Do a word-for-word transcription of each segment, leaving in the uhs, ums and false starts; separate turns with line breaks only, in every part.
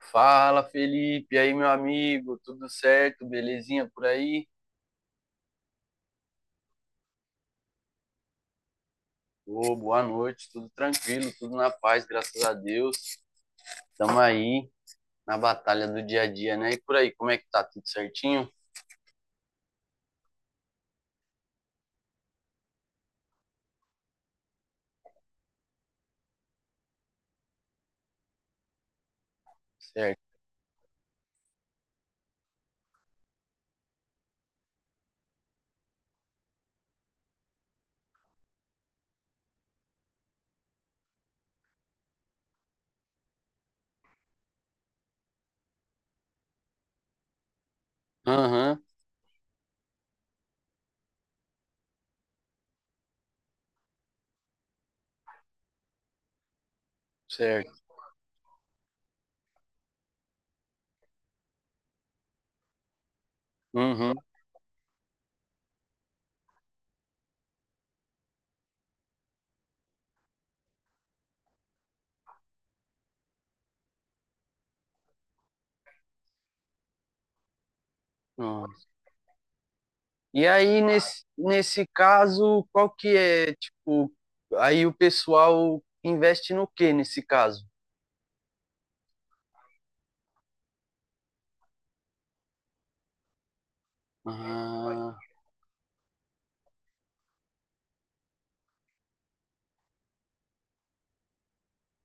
Fala, Felipe, e aí, meu amigo, tudo certo? Belezinha por aí? Ô, boa noite, tudo tranquilo, tudo na paz, graças a Deus. Estamos aí na batalha do dia a dia, né? E por aí, como é que tá? Tudo certinho? Certo. Aham, certo. Uhum. uhum. E aí, nesse, nesse caso, qual que é, tipo, aí o pessoal investe no que nesse caso? Ah,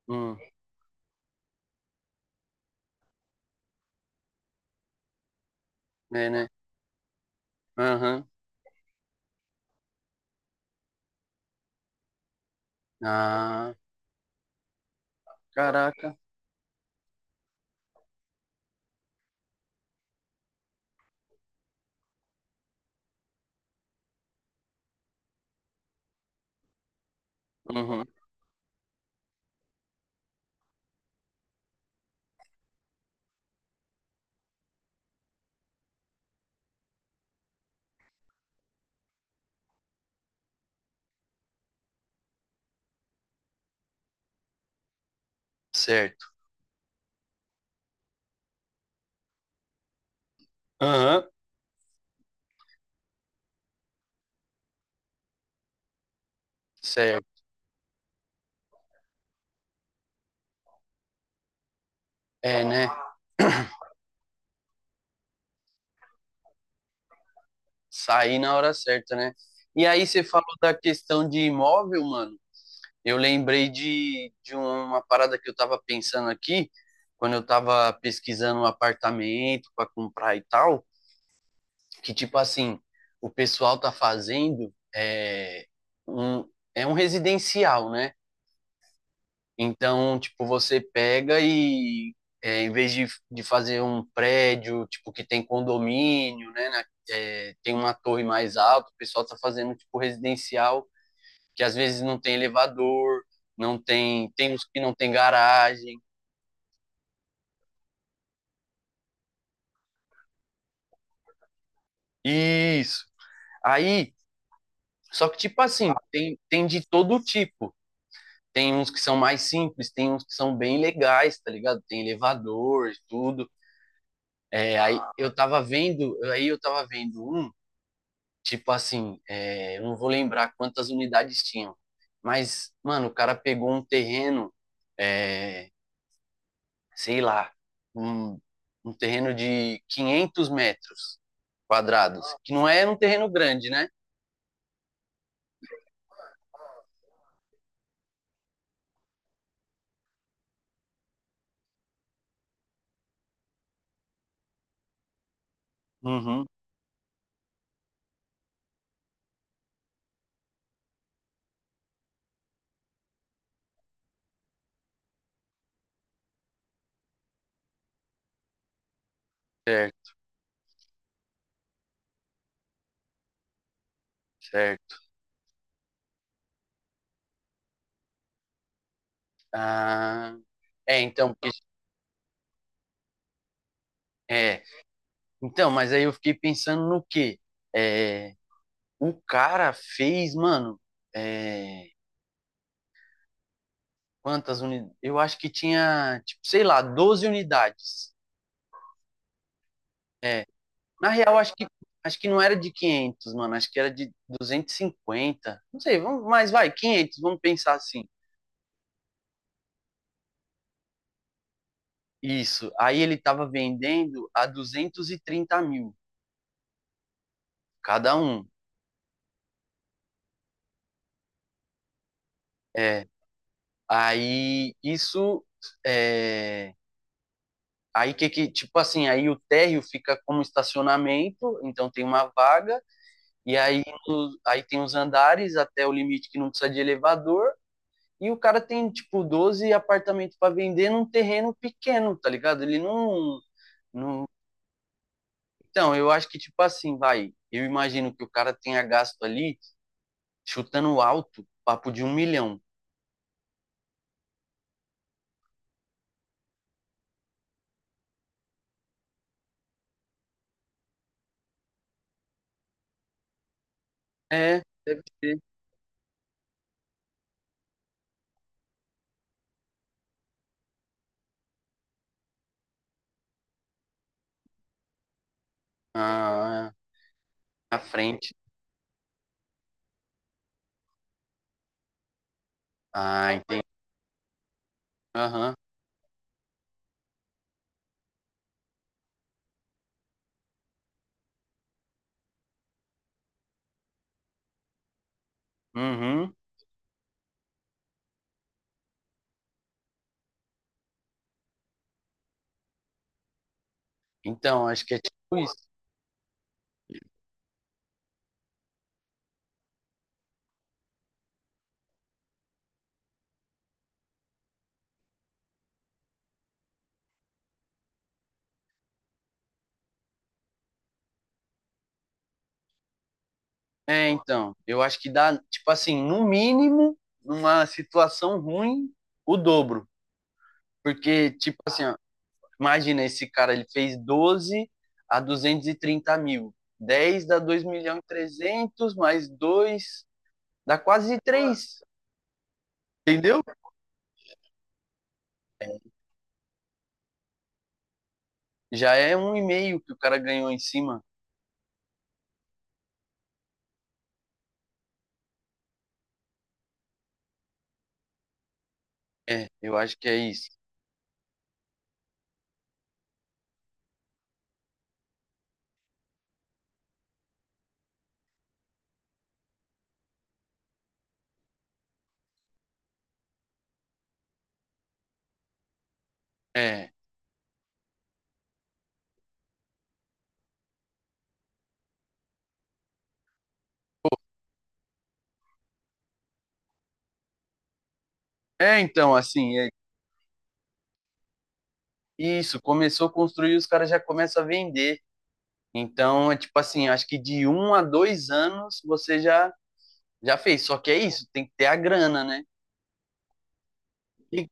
hum, é, né? Aham. Ah, caraca. Uhum. Certo. Aham. Certo. É, né? Sair na hora certa, né? E aí você falou da questão de imóvel, mano. Eu lembrei de, de uma parada que eu tava pensando aqui, quando eu tava pesquisando um apartamento para comprar e tal, que tipo assim, o pessoal tá fazendo é, um, é um residencial, né? Então, tipo, você pega e, é, em vez de, de fazer um prédio, tipo, que tem condomínio, né, na- é, tem uma torre mais alta, o pessoal tá fazendo, tipo, residencial, que às vezes não tem elevador, não tem, tem uns que não tem garagem. Isso. Aí, só que, tipo assim, tem, tem de todo tipo. Tem uns que são mais simples, tem uns que são bem legais, tá ligado? Tem elevador e tudo. É, aí eu tava vendo, aí eu tava vendo um. Tipo assim, é, eu não vou lembrar quantas unidades tinham, mas, mano, o cara pegou um terreno, é, sei lá, um, um terreno de quinhentos metros quadrados, que não é um terreno grande, né? Uhum, certo, certo. Ah, é, então, porque- é, então, mas aí eu fiquei pensando no quê? É, o cara fez, mano, é, quantas unidades? Eu acho que tinha, tipo, sei lá, doze unidades. eh, na real, acho que, acho que não era de quinhentos, mano. Acho que era de duzentos e cinquenta. Não sei, vamos, mas vai, quinhentos, vamos pensar assim. Isso. Aí ele tava vendendo a duzentos e trinta mil cada um. É. Aí isso. É... Aí que que, tipo assim, aí o térreo fica como estacionamento, então tem uma vaga, e aí, no- aí tem os andares até o limite que não precisa de elevador. E o cara tem, tipo, doze apartamentos para vender num terreno pequeno, tá ligado? Ele não. Então, eu acho que, tipo assim, vai. Eu imagino que o cara tenha gasto ali, chutando alto, papo de um milhão. É, deve ser. Ah, na frente. Ah, entendi. Aham. Uhum. Então, acho que é tipo isso. É, então. Eu acho que dá, tipo assim, no mínimo, numa situação ruim, o dobro. Porque, tipo assim, ó, Imagina, esse cara, ele fez doze a duzentos e trinta mil. dez dá dois milhões e trezentos, mais dois dá quase três, entendeu? Já é um e meio que o cara ganhou em cima. É, eu acho que é isso. É, é então, assim, é isso. Começou a construir, os caras já começam a vender. Então, é tipo assim, acho que de um a dois anos você já já fez. Só que é isso, tem que ter a grana, né? E,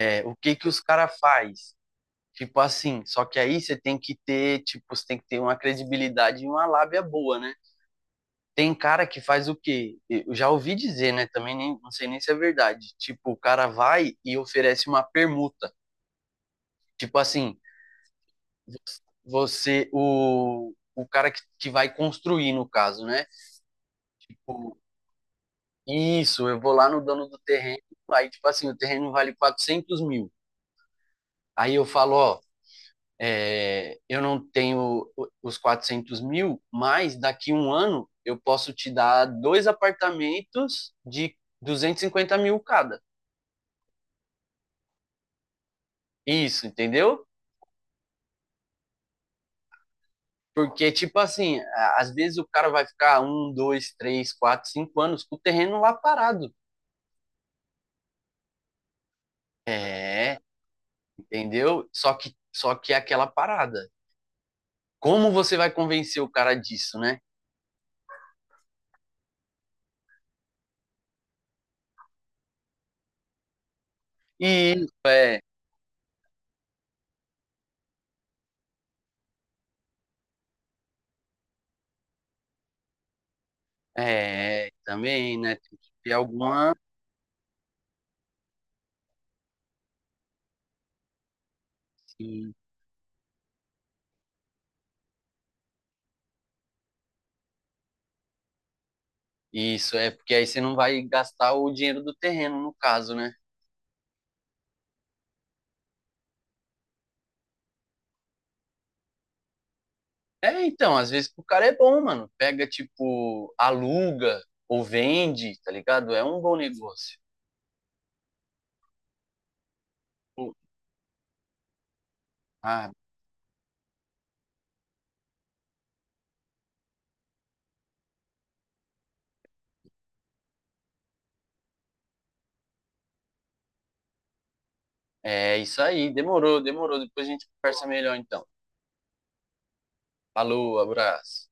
É, o que que os caras faz? Tipo assim, só que aí você tem que ter, tipo, você tem que ter uma credibilidade e uma lábia boa, né? Tem cara que faz o quê? Eu já ouvi dizer, né? Também nem, não sei nem se é verdade. Tipo, o cara vai e oferece uma permuta. Tipo assim, você, o, o cara que, que vai construir, no caso, né? Tipo, isso, eu vou lá no dono do terreno, aí, tipo assim, o terreno vale quatrocentos mil. Aí eu falo, ó, é, eu não tenho os quatrocentos mil, mas daqui um ano eu posso te dar dois apartamentos de duzentos e cinquenta mil cada. Isso, entendeu? Porque, tipo assim, às vezes o cara vai ficar um, dois, três, quatro, cinco anos com o terreno lá parado. É, entendeu? Só que, só que é aquela parada. Como você vai convencer o cara disso, né? E é, é também, né? Tem que ter alguma. assim, Isso, é porque aí você não vai gastar o dinheiro do terreno, no caso, né? É, então, às vezes pro cara é bom, mano. Pega, tipo, aluga ou vende, tá ligado? É um bom negócio. Pô, Ah, é isso aí. Demorou, demorou. Depois a gente conversa melhor, então. Falou, abraço.